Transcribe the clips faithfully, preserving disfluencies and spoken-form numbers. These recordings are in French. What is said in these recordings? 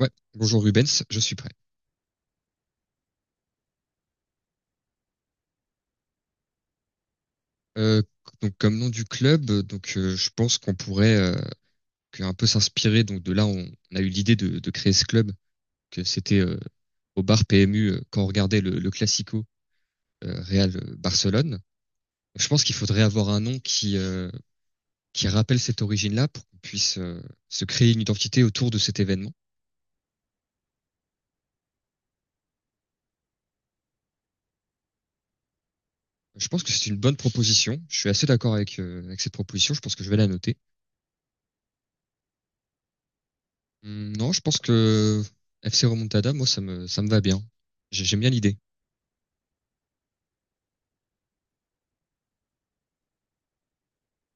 Ouais, bonjour Rubens, je suis prêt. Euh, donc comme nom du club, euh, donc euh, je pense qu'on pourrait euh, que un peu s'inspirer. Donc de là, on, on a eu l'idée de, de créer ce club, que c'était euh, au bar P M U euh, quand on regardait le, le Classico euh, Real euh, Barcelone. Je pense qu'il faudrait avoir un nom qui euh, qui rappelle cette origine-là pour qu'on puisse euh, se créer une identité autour de cet événement. Je pense que c'est une bonne proposition. Je suis assez d'accord avec euh, avec cette proposition. Je pense que je vais la noter. Hum, Non, je pense que F C Remontada, moi, ça me, ça me va bien. J'ai- J'aime bien l'idée.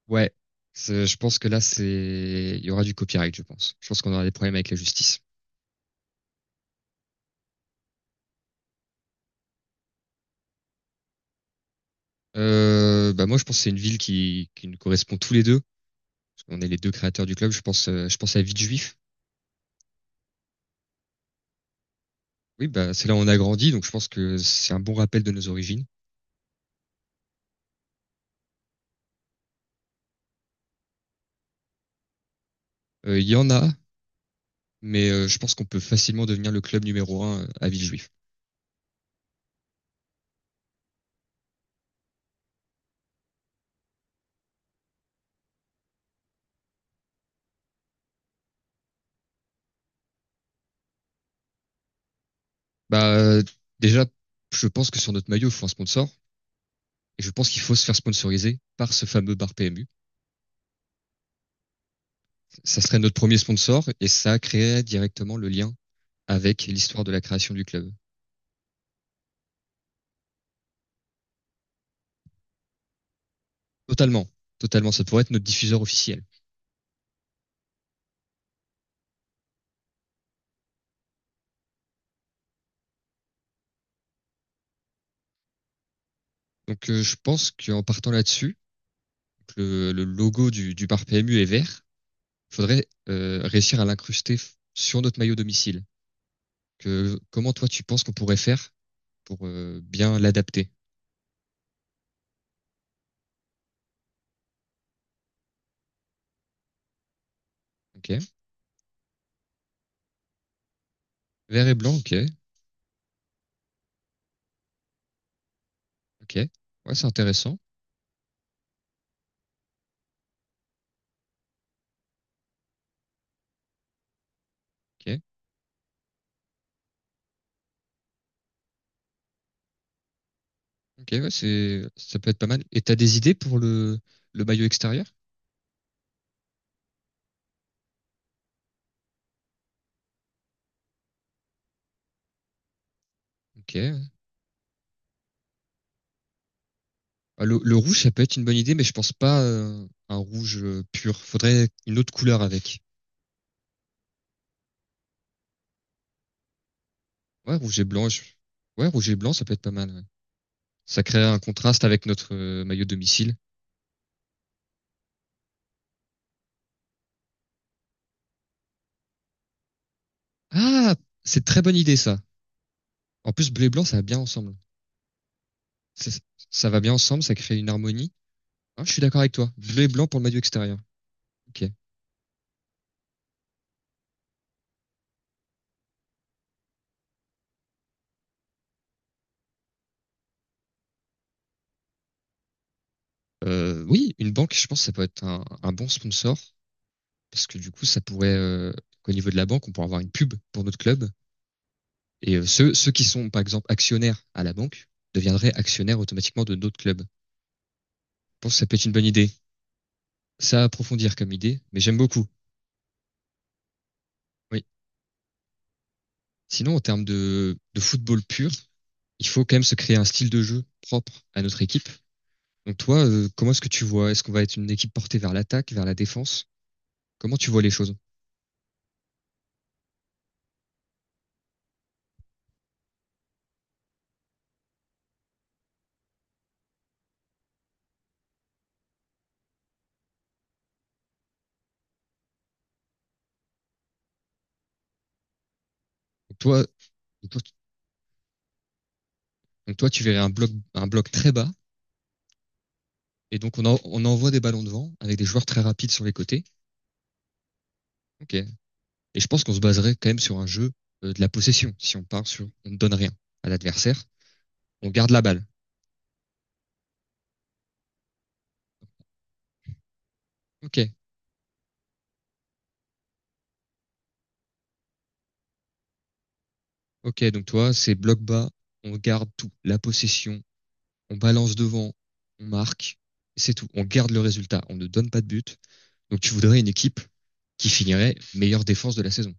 Ouais. C'est- Je pense que là, c'est, il y aura du copyright, je pense. Je pense qu'on aura des problèmes avec la justice. Euh, bah, moi, je pense que c'est une ville qui, qui nous correspond tous les deux. On est les deux créateurs du club. Je pense, euh, je pense à Villejuif. Oui, bah, c'est là où on a grandi, donc je pense que c'est un bon rappel de nos origines. Euh, Il y en a, mais euh, je pense qu'on peut facilement devenir le club numéro un euh, à Villejuif. Bah, euh, déjà, je pense que sur notre maillot, il faut un sponsor. Et je pense qu'il faut se faire sponsoriser par ce fameux bar P M U. Ça serait notre premier sponsor et ça créerait directement le lien avec l'histoire de la création du club. Totalement, totalement. Ça pourrait être notre diffuseur officiel. Donc euh, je pense qu'en partant là-dessus, le, le, logo du, du bar P M U est vert. Il faudrait euh, réussir à l'incruster sur notre maillot domicile. Que, comment toi tu penses qu'on pourrait faire pour euh, bien l'adapter. Ok. Vert et blanc, ok. Ok. Ouais, c'est intéressant. Ok. Ok, ouais, c'est, ça peut être pas mal. Et t'as des idées pour le, le maillot extérieur? Ok. Ah, le, le rouge, ça peut être une bonne idée, mais je pense pas euh, un rouge euh, pur. Faudrait une autre couleur avec. Ouais, rouge et blanc. je- Ouais, rouge et blanc, ça peut être pas mal, ouais. Ça crée un contraste avec notre euh, maillot de domicile. Ah, c'est très bonne idée ça. En plus, bleu et blanc, ça va bien ensemble. C'est- Ça va bien ensemble, ça crée une harmonie. Ah, je suis d'accord avec toi. Bleu et blanc pour le maillot extérieur. Ok. Euh, oui, une banque, je pense, que ça peut être un, un bon sponsor. Parce que du coup, ça pourrait, euh, au niveau de la banque, on pourrait avoir une pub pour notre club. Et euh, ceux, ceux qui sont, par exemple, actionnaires à la banque deviendraient actionnaires automatiquement de notre club. Je pense que ça peut être une bonne idée. Ça à approfondir comme idée, mais j'aime beaucoup. Oui. Sinon, en termes de, de football pur, il faut quand même se créer un style de jeu propre à notre équipe. Donc toi, euh, comment est-ce que tu vois? Est-ce qu'on va être une équipe portée vers l'attaque, vers la défense? Comment tu vois les choses? donc toi, donc toi, tu verrais un bloc, un bloc très bas, et donc on, en- on envoie des ballons devant avec des joueurs très rapides sur les côtés. OK. Et je pense qu'on se baserait quand même sur un jeu euh, de la possession. Si on part sur on ne donne rien à l'adversaire, on garde la balle. OK. OK, donc toi, c'est bloc bas, on garde tout, la possession, on balance devant, on marque, c'est tout. On garde le résultat, on ne donne pas de but. Donc tu voudrais une équipe qui finirait meilleure défense de la saison.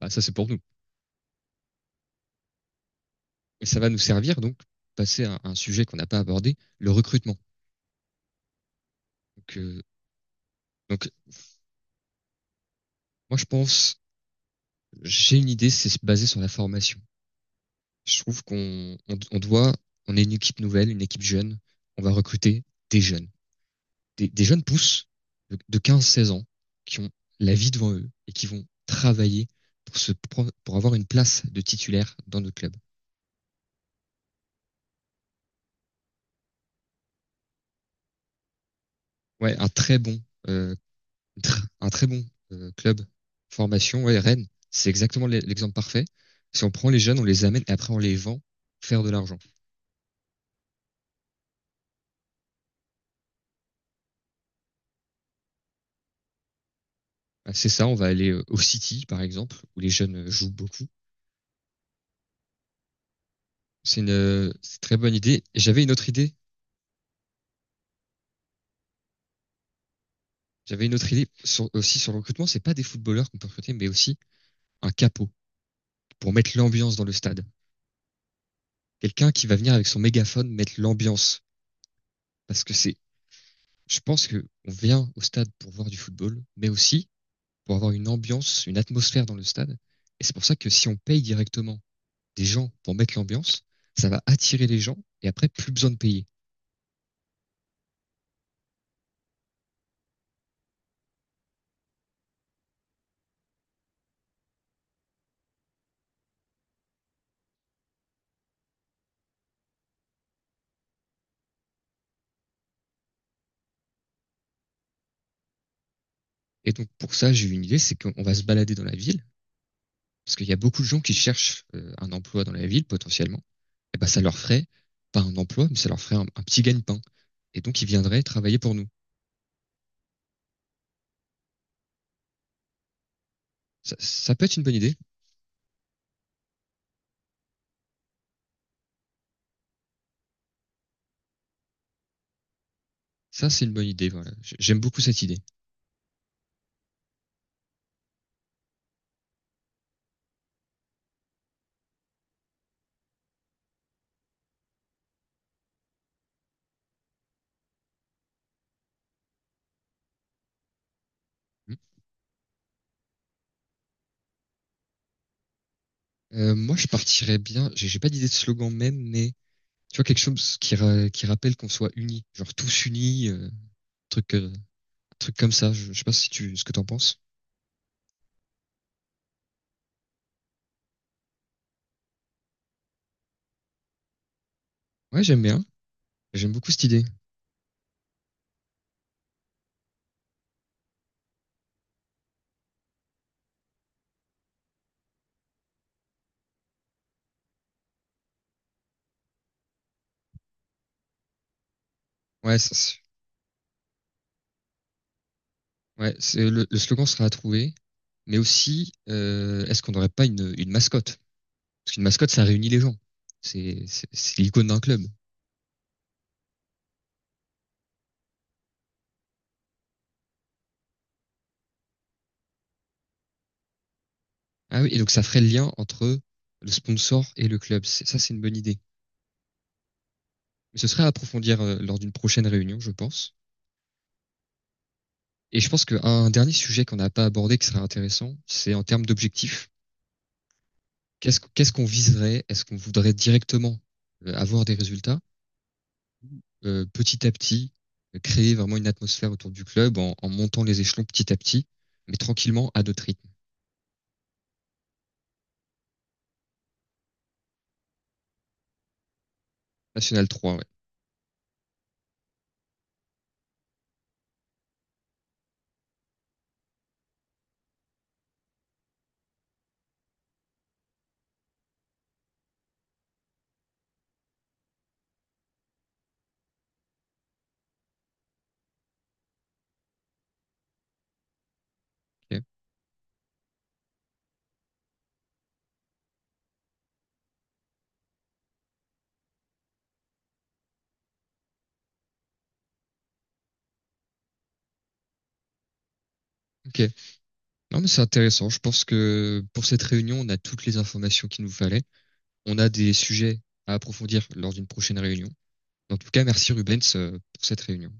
Bah, ça, c'est pour nous. Et ça va nous servir donc passer à un sujet qu'on n'a pas abordé, le recrutement. Donc, euh, donc moi, je pense, j'ai une idée, c'est se baser sur la formation. Je trouve qu'on on, on doit, on est une équipe nouvelle, une équipe jeune. On va recruter des jeunes, des, des jeunes pousses de, de quinze seize ans qui ont la vie devant eux et qui vont travailler pour se pour avoir une place de titulaire dans notre club. Ouais, un très bon, euh, un très bon euh, club formation. Ouais, Rennes, c'est exactement l'exemple parfait. Si on prend les jeunes, on les amène et après on les vend pour faire de l'argent. Ah, c'est ça, on va aller euh, au City par exemple où les jeunes euh, jouent beaucoup. C'est une, euh, c'est une très bonne idée. Et j'avais une autre idée. J'avais une autre idée sur, aussi sur le recrutement. C'est pas des footballeurs qu'on peut recruter, mais aussi un capot pour mettre l'ambiance dans le stade. Quelqu'un qui va venir avec son mégaphone mettre l'ambiance. Parce que c'est, je pense que on vient au stade pour voir du football, mais aussi pour avoir une ambiance, une atmosphère dans le stade. Et c'est pour ça que si on paye directement des gens pour mettre l'ambiance, ça va attirer les gens et après plus besoin de payer. Et donc pour ça, j'ai eu une idée, c'est qu'on va se balader dans la ville. Parce qu'il y a beaucoup de gens qui cherchent euh, un emploi dans la ville, potentiellement. Et ben, ça leur ferait, pas un emploi, mais ça leur ferait un, un petit gagne-pain. Et donc, ils viendraient travailler pour nous. Ça, ça peut être une bonne idée. Ça, c'est une bonne idée, voilà. J- J'aime beaucoup cette idée. Hum. Euh, moi, je partirais bien, j'ai j'ai pas d'idée de slogan même, mais tu vois, quelque chose qui, ra- qui rappelle qu'on soit unis. Genre tous unis, euh, truc, euh, truc comme ça. Je, je sais pas si tu, ce que t'en penses. Ouais, j'aime bien. J'aime beaucoup cette idée. Ouais, ça. Ouais, c'est le, le slogan sera à trouver, mais aussi, euh, est-ce qu'on n'aurait pas une, une mascotte? Parce qu'une mascotte, ça réunit les gens. C'est c'est- c'est l'icône d'un club. Ah oui, et donc ça ferait le lien entre le sponsor et le club. C'est- Ça, c'est une bonne idée. Mais ce serait à approfondir euh, lors d'une prochaine réunion, je pense. Et je pense qu'un dernier sujet qu'on n'a pas abordé qui serait intéressant, c'est en termes d'objectifs. Qu'est-ce qu'est-ce qu'on viserait? Est-ce qu'on voudrait directement euh, avoir des résultats? Euh, petit à petit, euh, créer vraiment une atmosphère autour du club en, en montant les échelons petit à petit, mais tranquillement à notre rythme. National trois, ouais. Ok. Ok. Non, mais c'est intéressant. Je pense que pour cette réunion, on a toutes les informations qu'il nous fallait. On a des sujets à approfondir lors d'une prochaine réunion. En tout cas, merci Rubens euh, pour cette réunion.